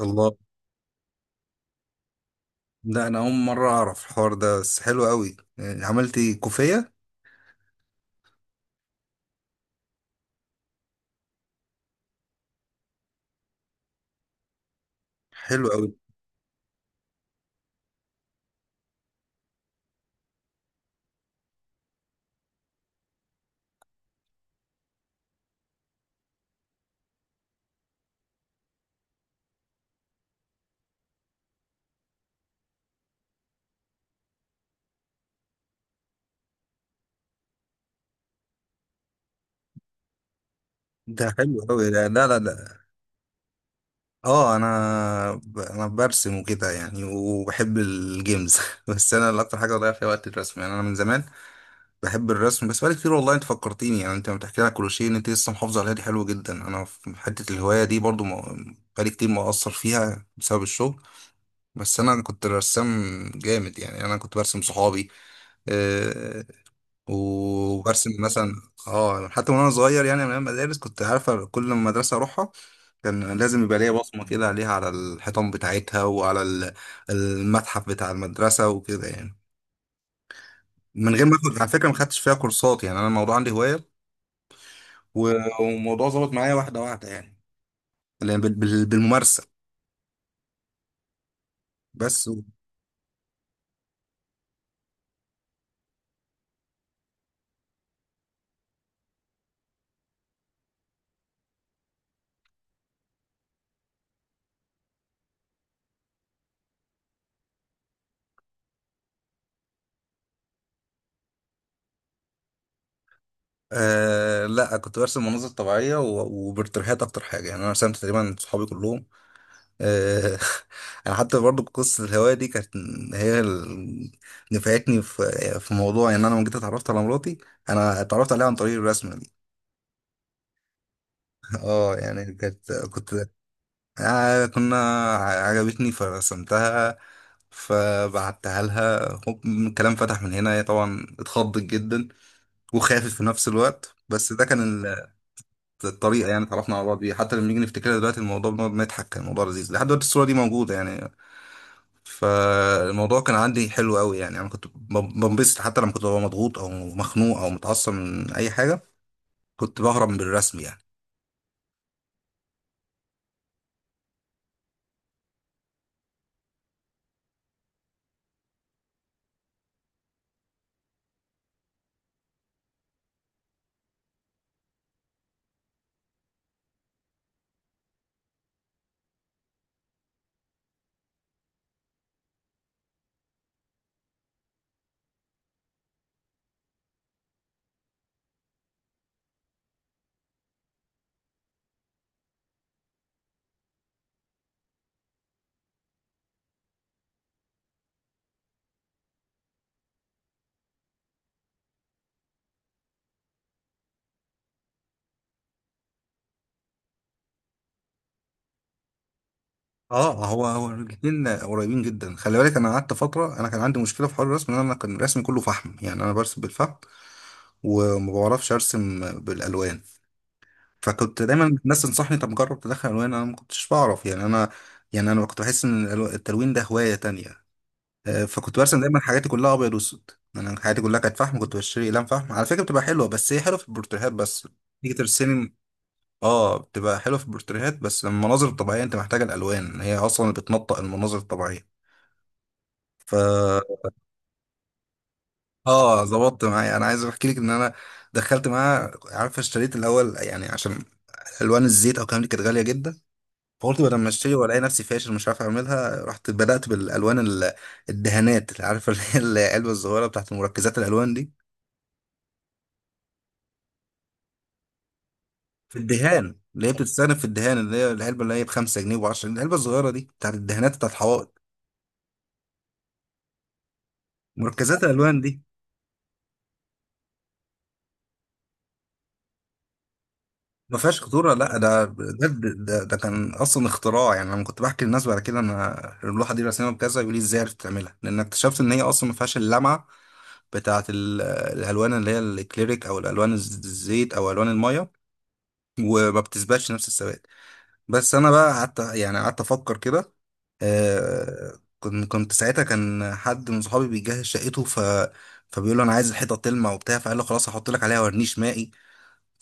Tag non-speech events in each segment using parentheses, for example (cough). الله. ده انا اول مره اعرف الحوار ده، بس حلو قوي يعني عملت كوفيه. حلو قوي. ده حلو قوي. ده لا لا لا. اه، انا برسم وكده يعني وبحب الجيمز (laughs) بس انا اللي اكتر حاجه بضيع فيها وقت الرسم، يعني انا من زمان بحب الرسم، بس بقالي كتير. والله انت فكرتيني، يعني انت لما بتحكي لي على كروشيه ان انت لسه محافظه عليها، دي حلوه جدا. انا في حته الهوايه دي برضو ما- بقالي كتير مقصر فيها بسبب الشغل. بس انا كنت رسام جامد، يعني انا كنت برسم صحابي آه، وبرسم مثلا. اه حتى وانا صغير، يعني من أيام المدارس كنت عارفه كل مدرسه اروحها كان لازم يبقى ليا بصمه كده عليها، على الحيطان بتاعتها وعلى المتحف بتاع المدرسه وكده يعني. من غير ما اخد على فكره ما خدتش فيها كورسات، يعني انا الموضوع عندي هوايه، و- والموضوع ظبط معايا واحده واحده، يعني اللي بالممارسه. بس. آه لا، كنت برسم مناظر طبيعيه وبالترهات اكتر حاجه، يعني انا رسمت تقريبا صحابي كلهم آه، (laughs) انا حتى برضو قصه الهوايه دي كانت هي اللي نفعتني في موضوع ان انا لما جيت اتعرفت على مراتي. انا اتعرفت عليها عن طريق الرسمه دي (laughs) اه يعني كانت كنت آه كنا عجبتني فرسمتها، فبعتها لها. هوب، الكلام فتح من هنا. هي طبعا اتخضت جدا وخافت في نفس الوقت، بس ده كان الطريقه يعني اتعرفنا على بعض بيها. حتى لما نيجي نفتكرها دلوقتي الموضوع بنقعد نضحك. كان الموضوع لذيذ، لحد دلوقتي الصوره دي موجوده يعني. فالموضوع كان عندي حلو قوي، يعني انا كنت بنبسط حتى لما كنت ببقى مضغوط او مخنوق او متعصب من اي حاجه كنت بهرب بالرسم يعني. اه، هو الاثنين قريبين جدا. خلي بالك انا قعدت فتره، انا كان عندي مشكله في حوار الرسم ان انا كان رسمي كله فحم، يعني انا برسم بالفحم وما بعرفش ارسم بالالوان. فكنت دايما الناس تنصحني طب جرب تدخل الوان، انا ما كنتش بعرف يعني انا. يعني انا كنت بحس ان التلوين ده هوايه تانية آه، فكنت برسم دايما حاجاتي كلها ابيض واسود. يعني انا حياتي كلها كانت فحم. كنت بشتري اقلام فحم على فكره بتبقى حلوه، بس هي حلوه في البورتريهات بس. تيجي ترسمي. اه، بتبقى حلوه في البورتريهات بس. لما المناظر الطبيعيه انت محتاجه الالوان، هي اصلا بتنطق المناظر الطبيعيه. ف اه ظبطت معايا. انا عايز احكي لك ان انا دخلت معاها عارفه. اشتريت الاول يعني عشان الوان الزيت او الكلام دي كانت غاليه جدا. فقلت بدل ما اشتري والاقي نفسي فاشل مش عارف اعملها، رحت بدات بالالوان الدهانات. عارفه اللي هي العلبه الصغيره بتاعت مركزات الالوان دي. في الدهان، اللي هي بتتستخدم في الدهان، اللي هي العلبه اللي هي ب 5 جنيه و10 جنيه، العلبه الصغيره دي بتاعت الدهانات بتاعت الحوائط. مركزات الالوان دي. ما فيهاش خطوره. لا، ده كان اصلا اختراع. يعني لما كنت بحكي للناس بعد كده انا اللوحه دي رسمها بكذا يقول لي ازاي عرفت تعملها. لان اكتشفت ان هي اصلا ما فيهاش اللمعه بتاعت الالوان اللي هي الاكليريك او الالوان الزيت او الوان الميه، وما بتثبتش نفس الثبات. بس انا بقى قعدت يعني قعدت افكر كده. كنت ساعتها كان حد من صحابي بيجهز شقته فبيقول له انا عايز الحيطه تلمع وبتاع. فقال له خلاص هحط لك عليها ورنيش مائي.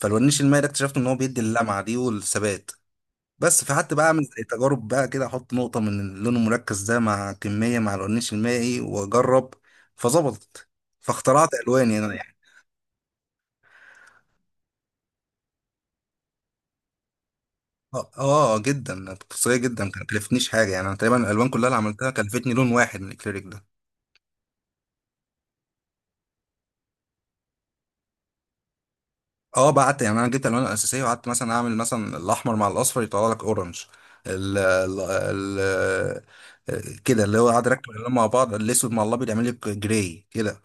فالورنيش المائي ده اكتشفت ان هو بيدي اللمعه دي والثبات. بس فقعدت بقى اعمل زي تجارب بقى كده. احط نقطه من اللون المركز ده مع كميه مع الورنيش المائي واجرب. فظبطت، فاخترعت الواني انا يعني. اه، آه، جدا اقتصاديه جدا. كانت كلفتنيش حاجه يعني. انا تقريبا الالوان كلها اللي عملتها كلفتني لون واحد من الاكريليك ده. اه بعت، يعني انا جبت الالوان الاساسيه وقعدت مثلا اعمل مثلا الاحمر مع الاصفر يطلع لك اورنج. ال ال ال كده، اللي هو قاعد اركب الالوان مع بعض، الاسود مع الابيض يعمل لك جراي كده.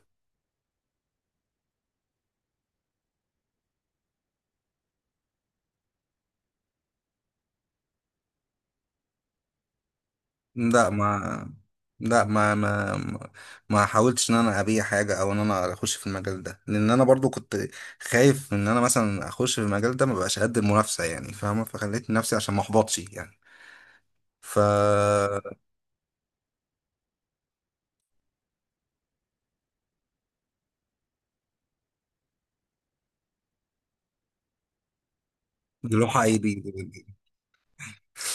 لا ما لا، ما ما حاولتش ان انا ابيع حاجه او ان انا اخش في المجال ده، لان انا برضو كنت خايف ان انا مثلا اخش في المجال ده ما بقاش قد المنافسه يعني. فاهمه. فخليت نفسي عشان ما احبطش يعني. ف دي لوحه اي دي (laughs)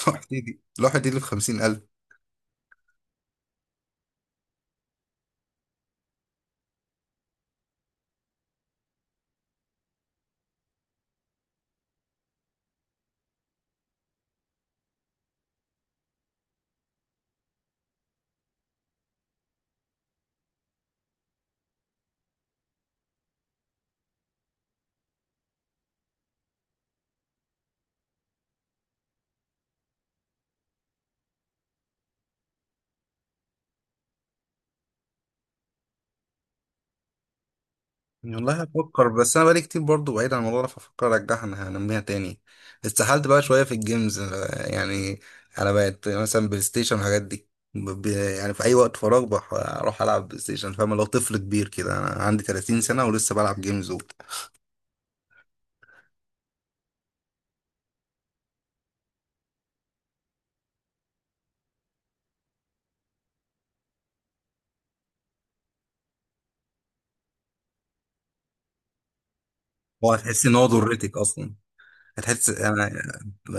لوحه دي اللي ب 50,000. والله هفكر. بس انا بقالي كتير برضو بعيد عن الموضوع ده، فافكر ارجعها انها انميها تاني. استحلت بقى شويه في الجيمز يعني. انا بقت مثلا بلاي ستيشن والحاجات دي يعني في اي وقت فراغ اروح العب بلاي ستيشن. فاهم، لو طفل كبير كده، انا عندي 30 سنه ولسه بلعب جيمز وبتاع. هو هتحس ان هو ضرتك اصلا. هتحس انا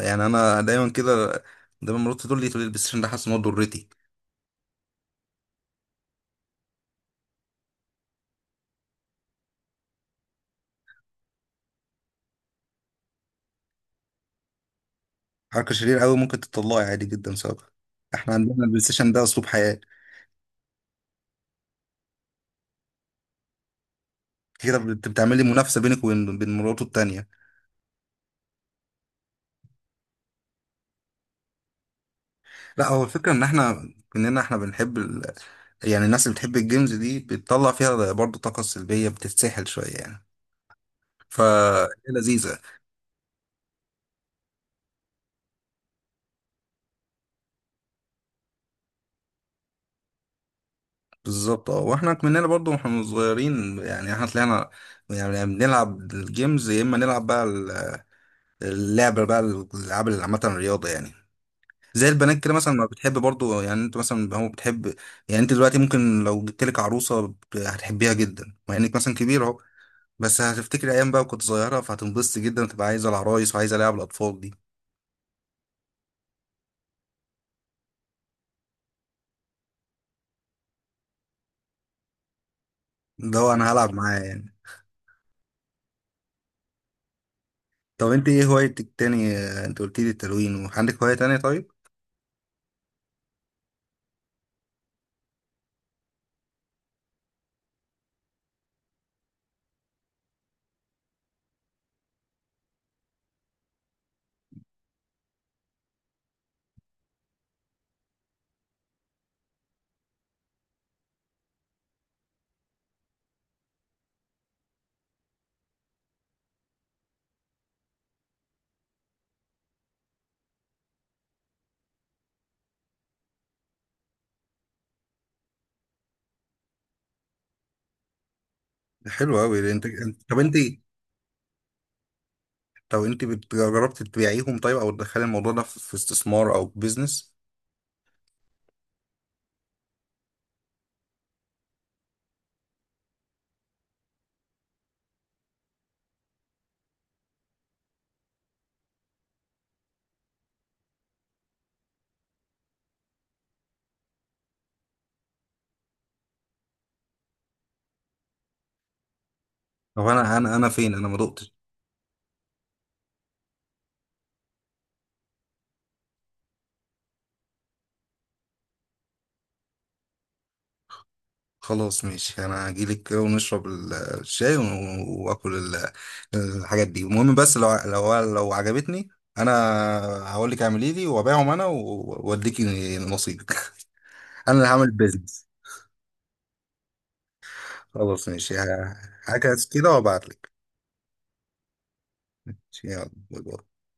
يعني. انا دايما كده. دايما مراتي تقول لي البلاي ستيشن ده حاسس ان هو ضرتي. حركه شريره قوي ممكن تطلعي عادي جدا بسببها. احنا عندنا البلاي ستيشن ده اسلوب حياه. كده بتعملي منافسه بينك وبين بين مراته التانيه. لا، هو الفكره ان احنا كلنا بنحب يعني الناس اللي بتحب الجيمز دي بتطلع فيها برضو طاقه سلبيه بتتسحل شويه يعني. ف لذيذه. بالظبط، اه. واحنا كملنا برضو واحنا صغيرين، يعني احنا طلعنا يعني بنلعب الجيمز. يا اما نلعب بقى اللعبه بقى الالعاب اللي عامه الرياضه يعني. زي البنات كده مثلا ما بتحب برضو. يعني انت مثلا هو بتحب، يعني انت دلوقتي ممكن لو جبت لك عروسه هتحبيها جدا مع انك مثلا كبير، بس هتفتكر ايام بقى كنت صغيره فهتنبسط جدا وتبقى عايزه العرايس وعايزه العب الاطفال دي. ده هو انا هلعب معاه يعني. طب انت ايه هوايتك تاني؟ آه، انت قلت لي التلوين وعندك هوايه تانية طيب. حلو قوي انت، طب انت جربت تبيعيهم طيب، او تدخلي الموضوع ده في استثمار او بيزنس؟ طب انا فين؟ انا ما دقتش. خلاص ماشي، انا هجيلك كده ونشرب الشاي واكل الحاجات دي. المهم بس لو لو عجبتني انا هقول لك اعملي لي وابيعهم انا واديكي نصيبك (laughs) انا اللي هعمل بيزنس. خلاص ماشي هجهز كده وابعت لك. يلا باي باي.